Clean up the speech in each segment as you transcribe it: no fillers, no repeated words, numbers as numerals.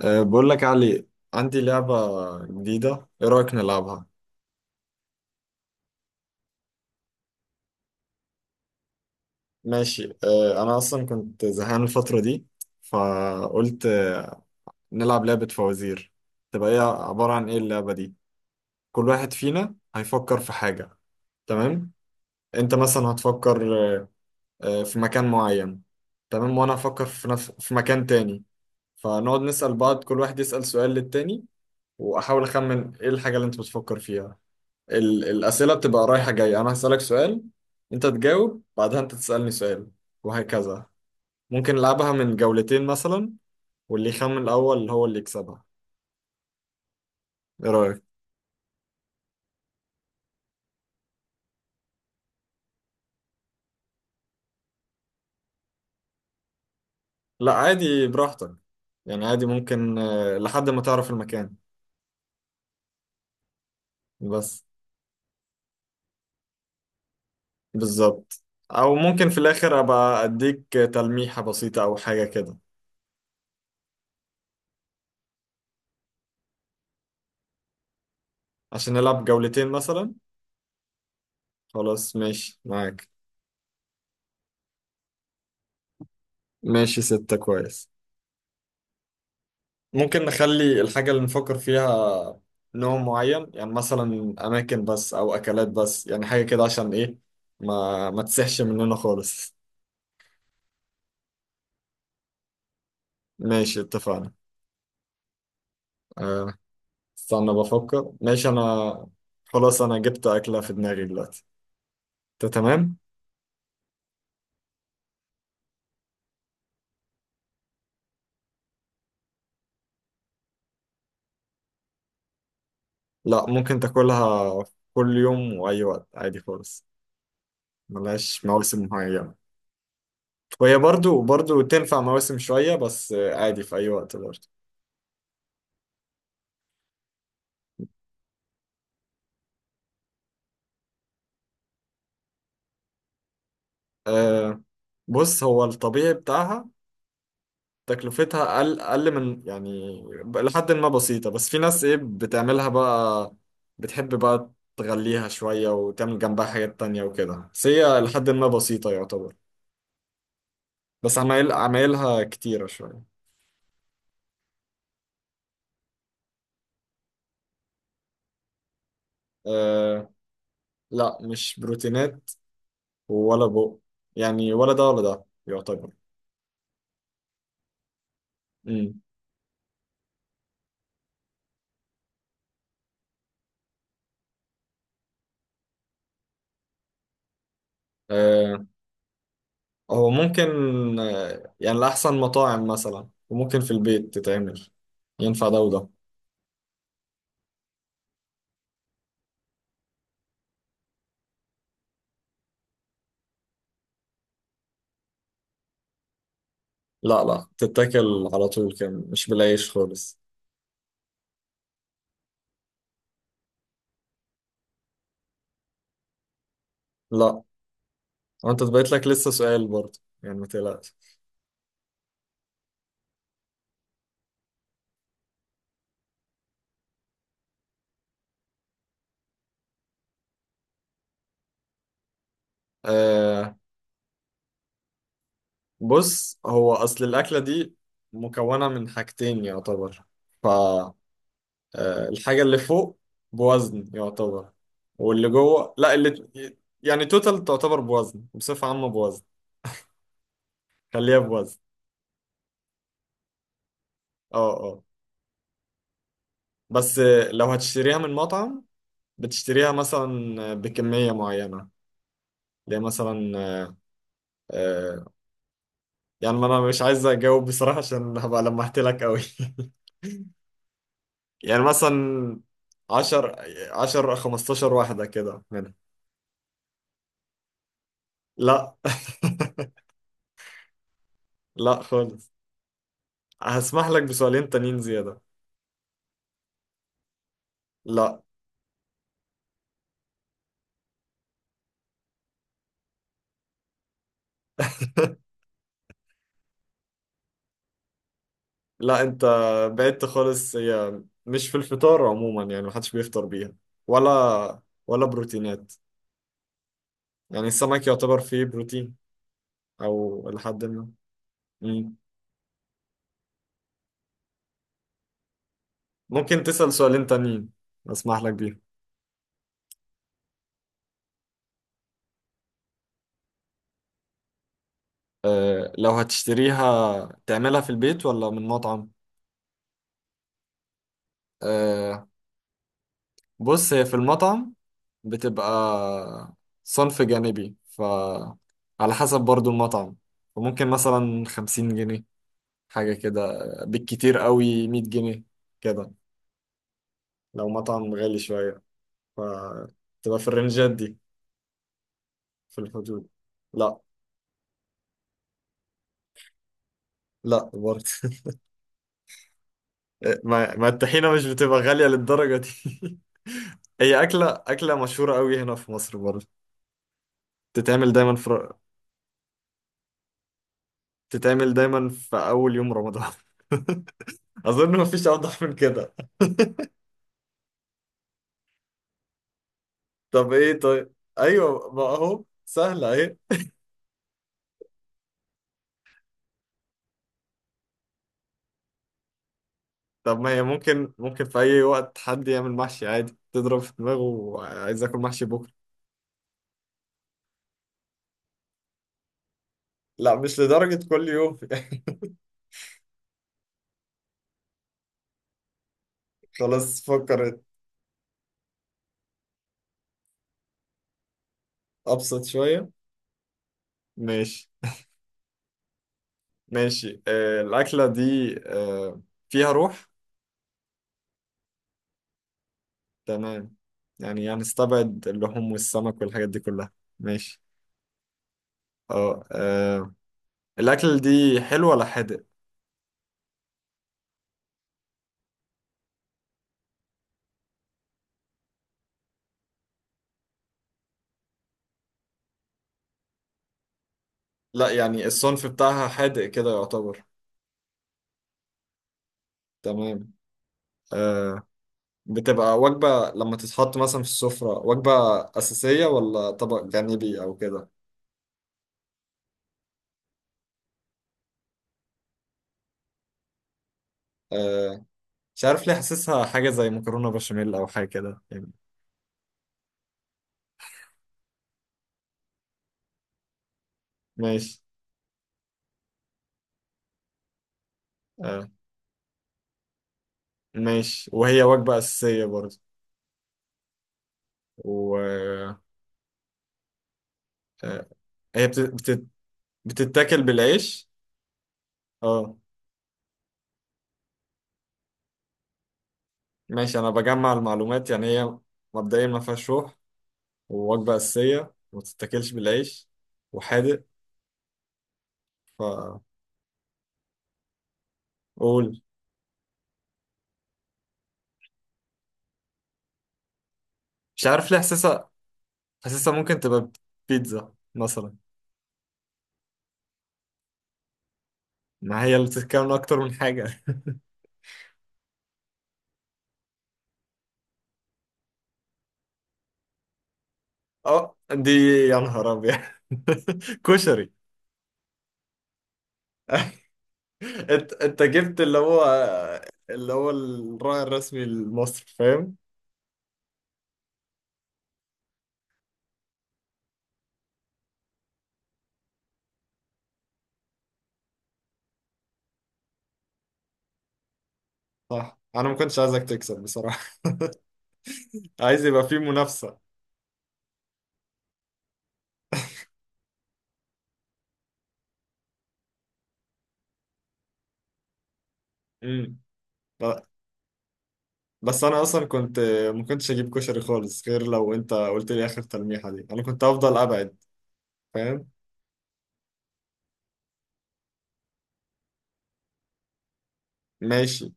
بقول لك يا علي، عندي لعبة جديدة. ايه رأيك نلعبها؟ ماشي، انا اصلا كنت زهقان الفترة دي، فقلت نلعب لعبة فوازير. تبقى هي عبارة عن ايه اللعبة دي؟ كل واحد فينا هيفكر في حاجة، تمام؟ انت مثلا هتفكر آه، في مكان معين، تمام، وانا هفكر في مكان تاني، فنقعد نسأل بعض، كل واحد يسأل سؤال للتاني، واحاول اخمن ايه الحاجة اللي انت بتفكر فيها. الأسئلة بتبقى رايحة جاية، أنا هسألك سؤال، أنت تجاوب، بعدها أنت تسألني سؤال، وهكذا. ممكن نلعبها من جولتين مثلا، واللي يخمن الأول هو اللي يكسبها. إيه رأيك؟ لا عادي، براحتك. يعني عادي، ممكن لحد ما تعرف المكان بس. بالظبط. أو ممكن في الآخر أبقى أديك تلميحة بسيطة أو حاجة كده. عشان نلعب جولتين مثلا. خلاص ماشي معاك. ماشي، ستة كويس. ممكن نخلي الحاجة اللي نفكر فيها نوع معين، يعني مثلا أماكن بس أو أكلات بس، يعني حاجة كده عشان إيه، ما تسحش مننا خالص. ماشي اتفقنا. أه، استنى بفكر. ماشي أنا خلاص، أنا جبت أكلة في دماغي دلوقتي. أنت تمام؟ لا، ممكن تاكلها كل يوم وأي وقت عادي خالص، ملهاش مواسم معينة. وهي برضو تنفع مواسم شوية، بس عادي في أي وقت برضو. أه، بص، هو الطبيعي بتاعها تكلفتها أقل من يعني لحد ما بسيطة، بس في ناس إيه بتعملها بقى، بتحب بقى تغليها شوية وتعمل جنبها حاجات تانية وكده، بس هي لحد ما بسيطة يعتبر. بس عمايلها كتيرة شوية. أه، لا، مش بروتينات ولا يعني، ولا ده ولا ده يعتبر. امم. أه، هو ممكن يعني لأحسن مطاعم مثلا، وممكن في البيت تتعمل. ينفع ده وده. لا لا، تتاكل على طول كان، مش بالعيش خالص. لا، وانت بقيت لك لسه سؤال برضه، يعني ما تقلقش. آه، بص، هو اصل الاكله دي مكونه من حاجتين يعتبر، ف الحاجه اللي فوق بوزن يعتبر، واللي جوه لا، اللي يعني توتال تعتبر بوزن، بصفه عامه بوزن، خليها بوزن. اه اه. بس لو هتشتريها من مطعم، بتشتريها مثلا بكميه معينه، اللي هي مثلا آه، يعني، ما انا مش عايز اجاوب بصراحة عشان هبقى لمحت لك قوي. يعني مثلا 10 10 15 واحدة كده منها. لا. لا خالص، هسمح لك بسؤالين تانيين زيادة. لا. لا، انت بعدت خالص، هي مش في الفطار عموما، يعني محدش بيفطر بيها، ولا بروتينات، يعني السمك يعتبر فيه بروتين، او لحد ما. مم. ممكن تسأل سؤالين تانيين، اسمح لك بيهم. آه، لو هتشتريها تعملها في البيت ولا من مطعم؟ آه، بص، هي في المطعم بتبقى صنف جانبي، فعلى حسب برضو المطعم، فممكن مثلا خمسين جنيه حاجة كده، بالكتير قوي مية جنيه كده، لو مطعم غالي شوية، فتبقى في الرنجات دي، في الحدود. لا. لا برضه. ما الطحينة مش بتبقى غالية للدرجة دي. هي أكلة مشهورة قوي هنا في مصر برضه، تتعمل دايما في تتعمل دايما في أول يوم رمضان. أظن مفيش أوضح من كده. طب إيه طيب؟ أيوه، ما أهو سهلة أهي. طب ما هي ممكن في أي وقت حد يعمل محشي عادي، تضرب في دماغه وعايز آكل محشي بكرة. لا مش لدرجة كل يوم، يعني. خلاص فكر. أبسط شوية. ماشي، ماشي، الأكلة دي فيها روح؟ تمام، يعني هنستبعد اللحوم والسمك والحاجات دي كلها. ماشي. اه آه، الاكل دي حلو ولا حادق؟ لا يعني الصنف بتاعها حادق كده يعتبر. تمام. آه بتبقى وجبة لما تتحط مثلا في السفرة، وجبة أساسية ولا طبق جانبي أو كده؟ آه مش عارف ليه حاسسها حاجة زي مكرونة بشاميل أو حاجة كده يعني. ماشي، آه ماشي. وهي وجبة أساسية برضه؟ و آه هي بتتاكل بالعيش؟ اه. ماشي، أنا بجمع المعلومات، يعني هي مبدئيا ما فيهاش روح، ووجبة أساسية، وما تتاكلش بالعيش، وحادق. فقول. مش عارف ليه حاسسها ممكن تبقى بيتزا مثلا، ما هي اللي بتتكون من أكتر من حاجة. اه دي، يا نهار أبيض. كشري. انت جبت اللي هو الراعي الرسمي لمصر، فاهم. صح، انا ما كنتش عايزك تكسب بصراحة. عايز يبقى فيه منافسة. امم. بس انا اصلا ما كنتش اجيب كشري خالص، غير لو انت قلت لي اخر تلميحه دي، انا كنت افضل ابعد. فاهم. ماشي.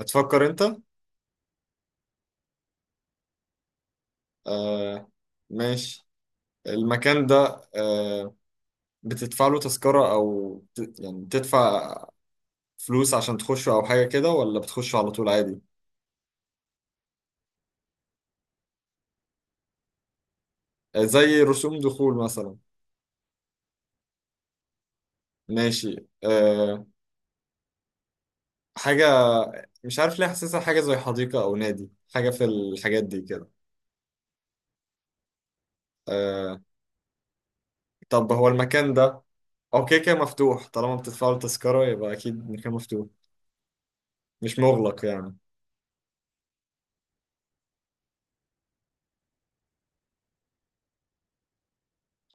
هتفكر انت. آه. ماشي. المكان ده، آه بتدفع له تذكره، او يعني تدفع فلوس عشان تخشه او حاجه كده، ولا بتخشه على طول عادي؟ آه، زي رسوم دخول مثلا. ماشي. حاجه، مش عارف ليه حاسسها حاجه زي حديقه او نادي، حاجه في الحاجات دي كده. آه طب هو المكان ده، هو كده كده مفتوح، طالما بتدفعوا التذكرة يبقى أكيد مكان مفتوح، مش مغلق يعني.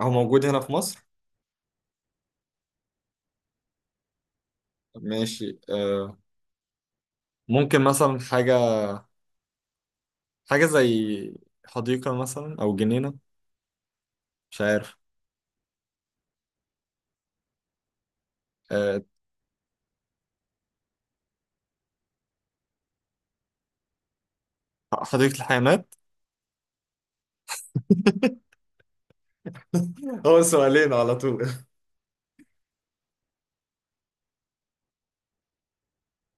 هو موجود هنا في مصر؟ ماشي. ممكن مثلا حاجة زي حديقة مثلا أو جنينة، مش عارف. آه حديقة الحيوانات. هو سؤالين على طول؟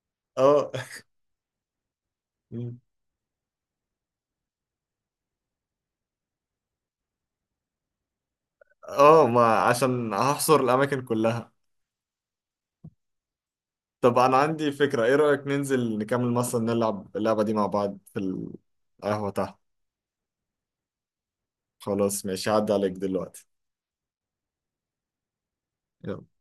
اه اه، ما عشان هحصر الأماكن كلها. طب أنا عندي فكرة، إيه رأيك ننزل نكمل مثلا، نلعب اللعبة دي مع بعض في القهوة تحت. خلاص ماشي، هعدي عليك دلوقتي. يلا.